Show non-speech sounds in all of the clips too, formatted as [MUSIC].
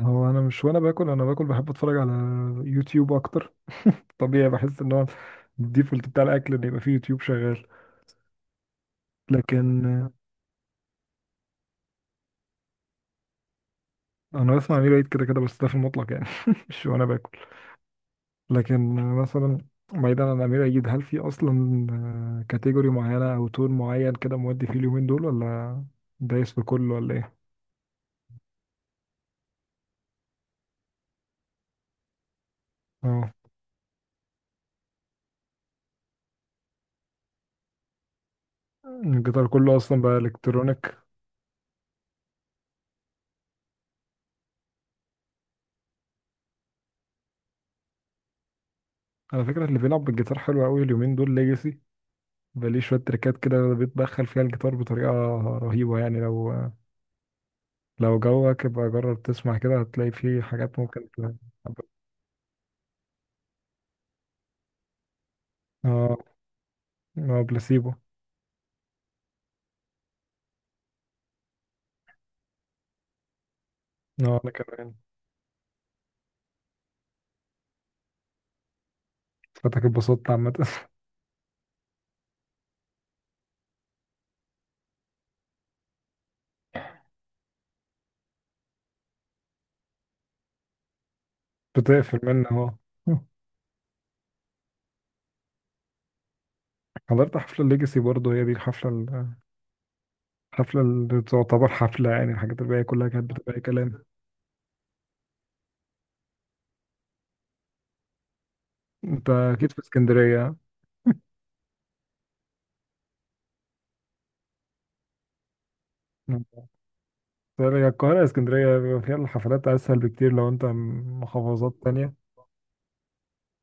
هو انا مش وانا باكل انا باكل بحب اتفرج على يوتيوب اكتر. طبيعي، بحس ان هو الديفولت بتاع الاكل ان يبقى فيه يوتيوب شغال. لكن انا بسمع امير عيد كده كده، بس ده في المطلق يعني [LAUGHS] مش وانا باكل. لكن مثلا بعيدا عن امير عيد، هل في اصلا كاتيجوري معينه او تون معين كده مودي فيه اليومين دول، ولا دايس بكله ولا ايه؟ اه، الجيتار كله اصلا بقى الكترونيك. على فكره، اللي بيلعب بالجيتار حلو قوي اليومين دول ليجاسي، بليه شوية تريكات كده بيتدخل فيها الجيتار بطريقة رهيبة. يعني لو جوك، يبقى جرب تسمع كده هتلاقي فيه حاجات ممكن اه اه، بلاسيبو. اه انا كمان فاتك، اتبسطت عامة [LAUGHS] بتقفل منه اهو. [LAUGHS] حضرت حفلة الليجاسي برضه، هي دي الحفلة الحفلة اللي تعتبر حفلة، يعني الحاجات الباقية كلها كانت بتبقى أي كلام. انت اكيد في اسكندرية. طيب، هي القاهرة اسكندرية بيبقى فيها الحفلات اسهل بكتير لو انت من محافظات تانية.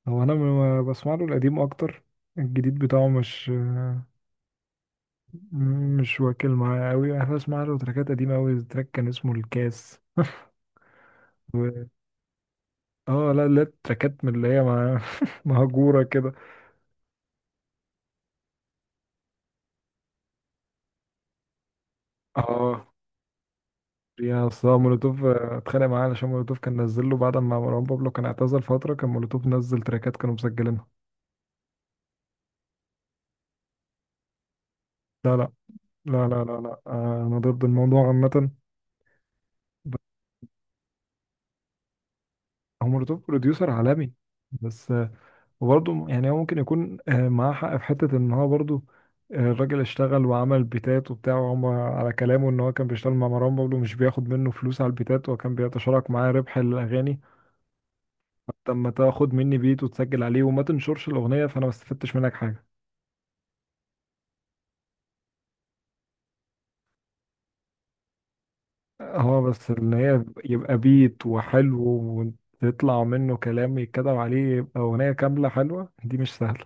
هو انا بسمع له القديم اكتر، الجديد بتاعه مش واكل معايا قوي. انا بسمع له تراكات قديمه قوي، تراك كان اسمه الكاس و... اه لا لا، تراكات من اللي هي [LAUGHS] مهجوره كده. اه يا، اصلا مولوتوف اتخانق معاه علشان مولوتوف كان نزل له بعد ما مروان بابلو كان اعتزل فتره، كان مولوتوف نزل تراكات كانوا مسجلينها. لا لا لا لا لا لا، انا ضد الموضوع عامه. ب- هو مولوتوف بروديوسر عالمي بس. وبرضه يعني هو ممكن يكون معاه حق في حتة إن هو برضه الراجل اشتغل وعمل بيتات وبتاع، وهم على كلامه إن هو كان بيشتغل مع مروان بابلو مش بياخد منه فلوس على البيتات، وكان بيتشارك معاه ربح الأغاني. طب ما تاخد مني بيت وتسجل عليه وما تنشرش الأغنية، فأنا ما استفدتش منك حاجة. اه، بس إن هي يبقى بيت وحلو وتطلع منه كلام يتكتب عليه يبقى أغنية كاملة حلوة، دي مش سهلة.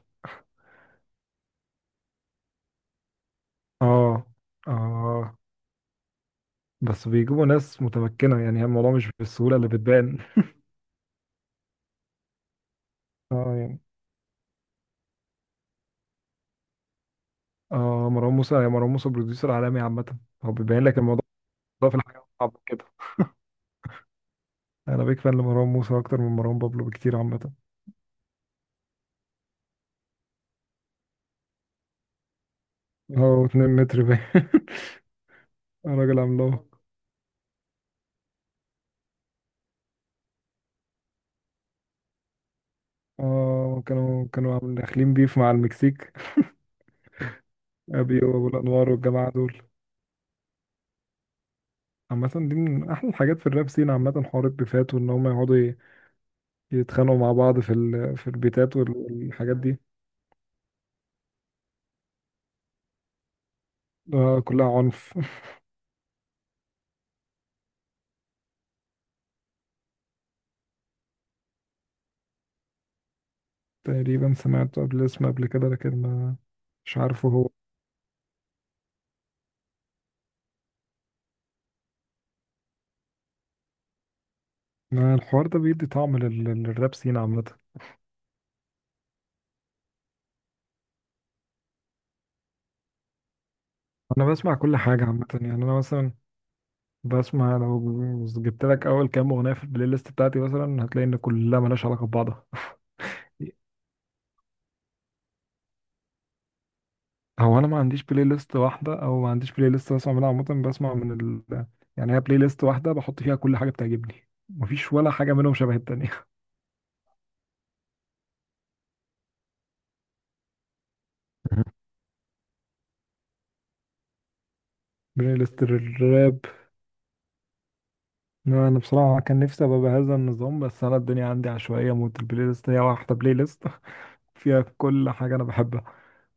اه اه، بس بيجيبوا ناس متمكنة، يعني الموضوع مش بالسهولة اللي بتبان. اه يعني، اه، مروان موسى، مروان موسى بروديوسر عالمي عامة، هو بيبين لك الموضوع ده في الحاجة صعبة كده. انا بيك فان لمروان موسى اكتر من مروان بابلو بكتير عامة. هو 2 متر باين. [LAUGHS] راجل عملاق. اه، كانوا داخلين بيف مع المكسيك، ابيو وابو الانوار والجماعة دول. عامة دي من احلى الحاجات في الراب سين عامة، حوار البيفات وان هم يقعدوا يتخانقوا مع بعض في في البيتات والحاجات دي. آه، كلها عنف [LAUGHS] تقريبا سمعت قبل اسمه قبل كده، لكن ما مش عارفه هو. الحوار ده بيدي طعم للراب سين عامة. أنا بسمع كل حاجة عامة، يعني أنا مثلا بسمع، لو جبت لك أول كام أغنية في البلاي ليست بتاعتي مثلا هتلاقي إن كلها ملهاش علاقة ببعضها. [LAUGHS] هو أنا ما عنديش بلاي ليست واحدة، أو ما عنديش بلاي ليست بسمع منها عامة. بسمع من يعني هي بلاي ليست واحدة بحط فيها كل حاجة بتعجبني، مفيش ولا حاجة منهم شبه التانية. [LAUGHS] بلاي ليست الراب. لا، انا بصراحه كان نفسي ابقى بهذا النظام، بس انا الدنيا عندي عشوائيه موت، البلاي ليست هي واحده، بلاي ليست [LAUGHS] فيها كل حاجه انا بحبها.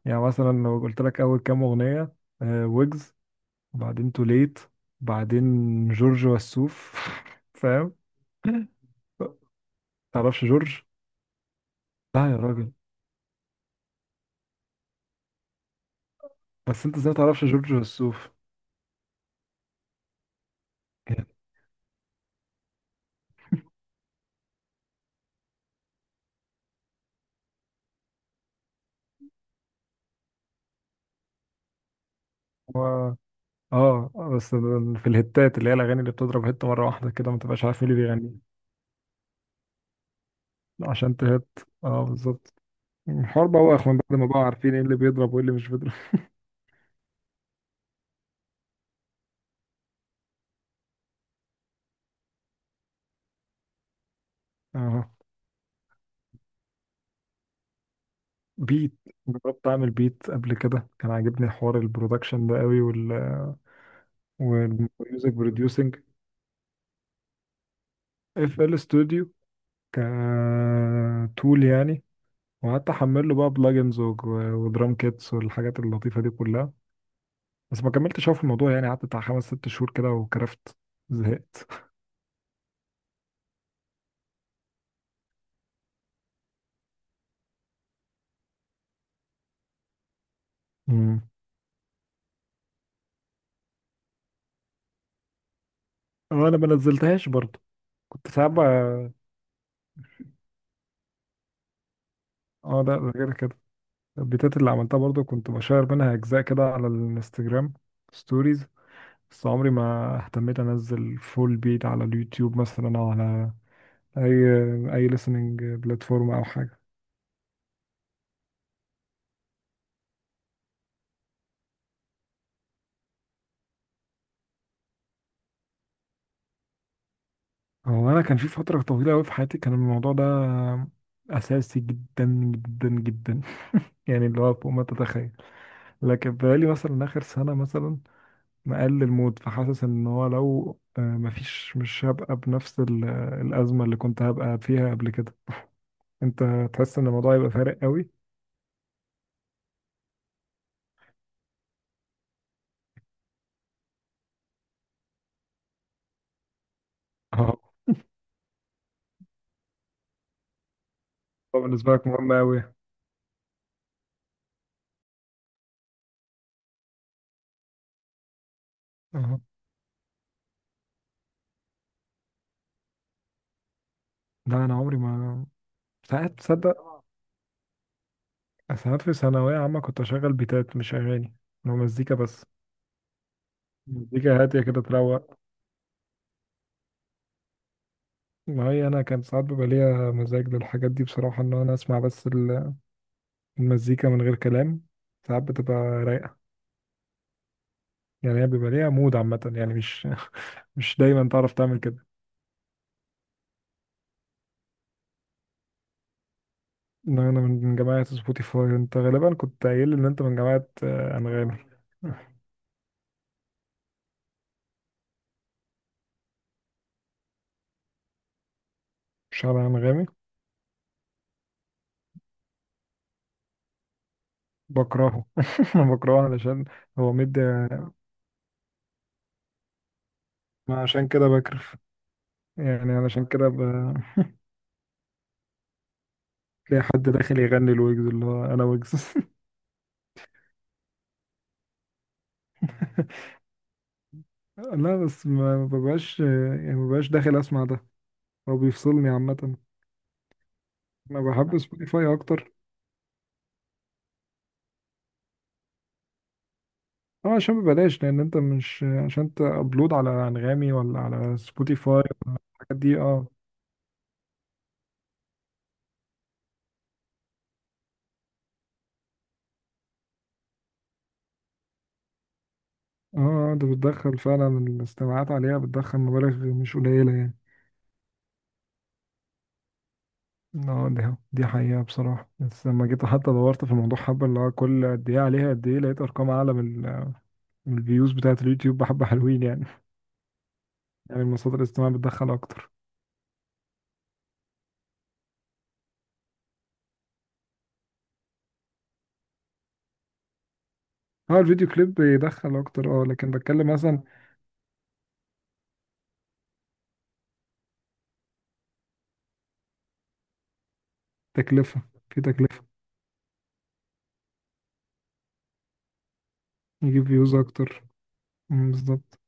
يعني مثلا لو قلت لك اول كام اغنيه، ويجز، وبعدين توليت، بعدين جورج وسوف [LAUGHS] فاهم؟ تعرفش جورج؟ لا يا راجل. بس انت ازاي متعرفش جورج وسوف؟ يعني هو، اه بس في الهتات اللي هي الاغاني اللي بتضرب هت مره واحده كده، ما تبقاش عارف مين اللي بيغني عشان تهت. اه، بالظبط. الحوار بقى من بعد ما بقى عارفين ايه اللي بيضرب وايه اللي مش بيضرب. [LAUGHS] اه، بيت. جربت اعمل بيت قبل كده، كان عاجبني حوار البرودكشن ده قوي والميوزك بروديوسنج. FL ستوديو، كتول يعني. وقعدت احمل له بقى بلجنز ودرام كيتس والحاجات اللطيفه دي كلها. بس ما كملتش أوي في الموضوع، يعني قعدت بتاع خمس ست شهور كده وكرفت، زهقت. امم. اه انا ما نزلتهاش برضه. كنت ساعات بقى، اه لا ده غير كده، البيتات اللي عملتها برضو كنت بشير منها اجزاء كده على الانستجرام ستوريز. بس عمري ما اهتميت انزل فول بيت على اليوتيوب مثلا او على اي اي listening بلاتفورم او حاجه. هو انا كان في فتره طويله قوي في حياتي كان الموضوع ده اساسي، جدا جدا جدا [LAUGHS] يعني اللي هو فوق ما تتخيل. لكن بقالي مثلا اخر سنه مثلا مقلل المود، فحاسس ان هو لو مفيش مش هبقى بنفس الازمه اللي كنت هبقى فيها قبل كده. انت تحس ان الموضوع يبقى فارق قوي؟ اه. هو بالنسبه لك مهم قوي؟ اه لا انا عمري ما. ساعات تصدق، ساعات في ثانويه عامه كنت اشغل بيتات مش اغاني، لو مزيكا بس مزيكا هاديه كده تروق. ما هي انا كان ساعات بيبقى ليا مزاج للحاجات دي بصراحه، ان انا اسمع بس المزيكا من غير كلام. ساعات بتبقى رايقه، يعني هي بيبقى ليها مود عامه، يعني مش [LAUGHS] مش دايما تعرف تعمل كده. ان انا من جماعه سبوتيفاي، انت غالبا كنت قايل لي ان انت من جماعه انغامي. شعر أنغامي. بكرهه [LAUGHS] أنا بكرهه علشان هو مدي. ما عشان كده بكرف، يعني علشان كده تلاقي حد داخل يغني الويجز اللي هو أنا ويجز [LAUGHS] لا، بس ما ببقاش يعني ما ببقاش داخل أسمع ده. هو بيفصلني عامة. أنا بحب سبوتيفاي أكتر. أه، عشان ببلاش. لأن أنت مش عشان تأبلود على أنغامي ولا على سبوتيفاي الحاجات دي. أه. أه، أنت بتدخل فعلا الاستماعات عليها بتدخل مبالغ مش قليلة يعني. اه، دي حقيقة بصراحة. بس لما جيت حتى دورت في الموضوع حبة اللي هو كل قد ايه عليها قد ايه، لقيت ارقام اعلى من من الفيوز بتاعة اليوتيوب بحبة حلوين يعني. [LAUGHS] يعني المصادر الاجتماعية بتدخل اكتر. اه الفيديو كليب بيدخل اكتر، اه لكن بتكلم مثلا تكلفة، في تكلفة يجيب فيوز اكتر. مم، بالظبط.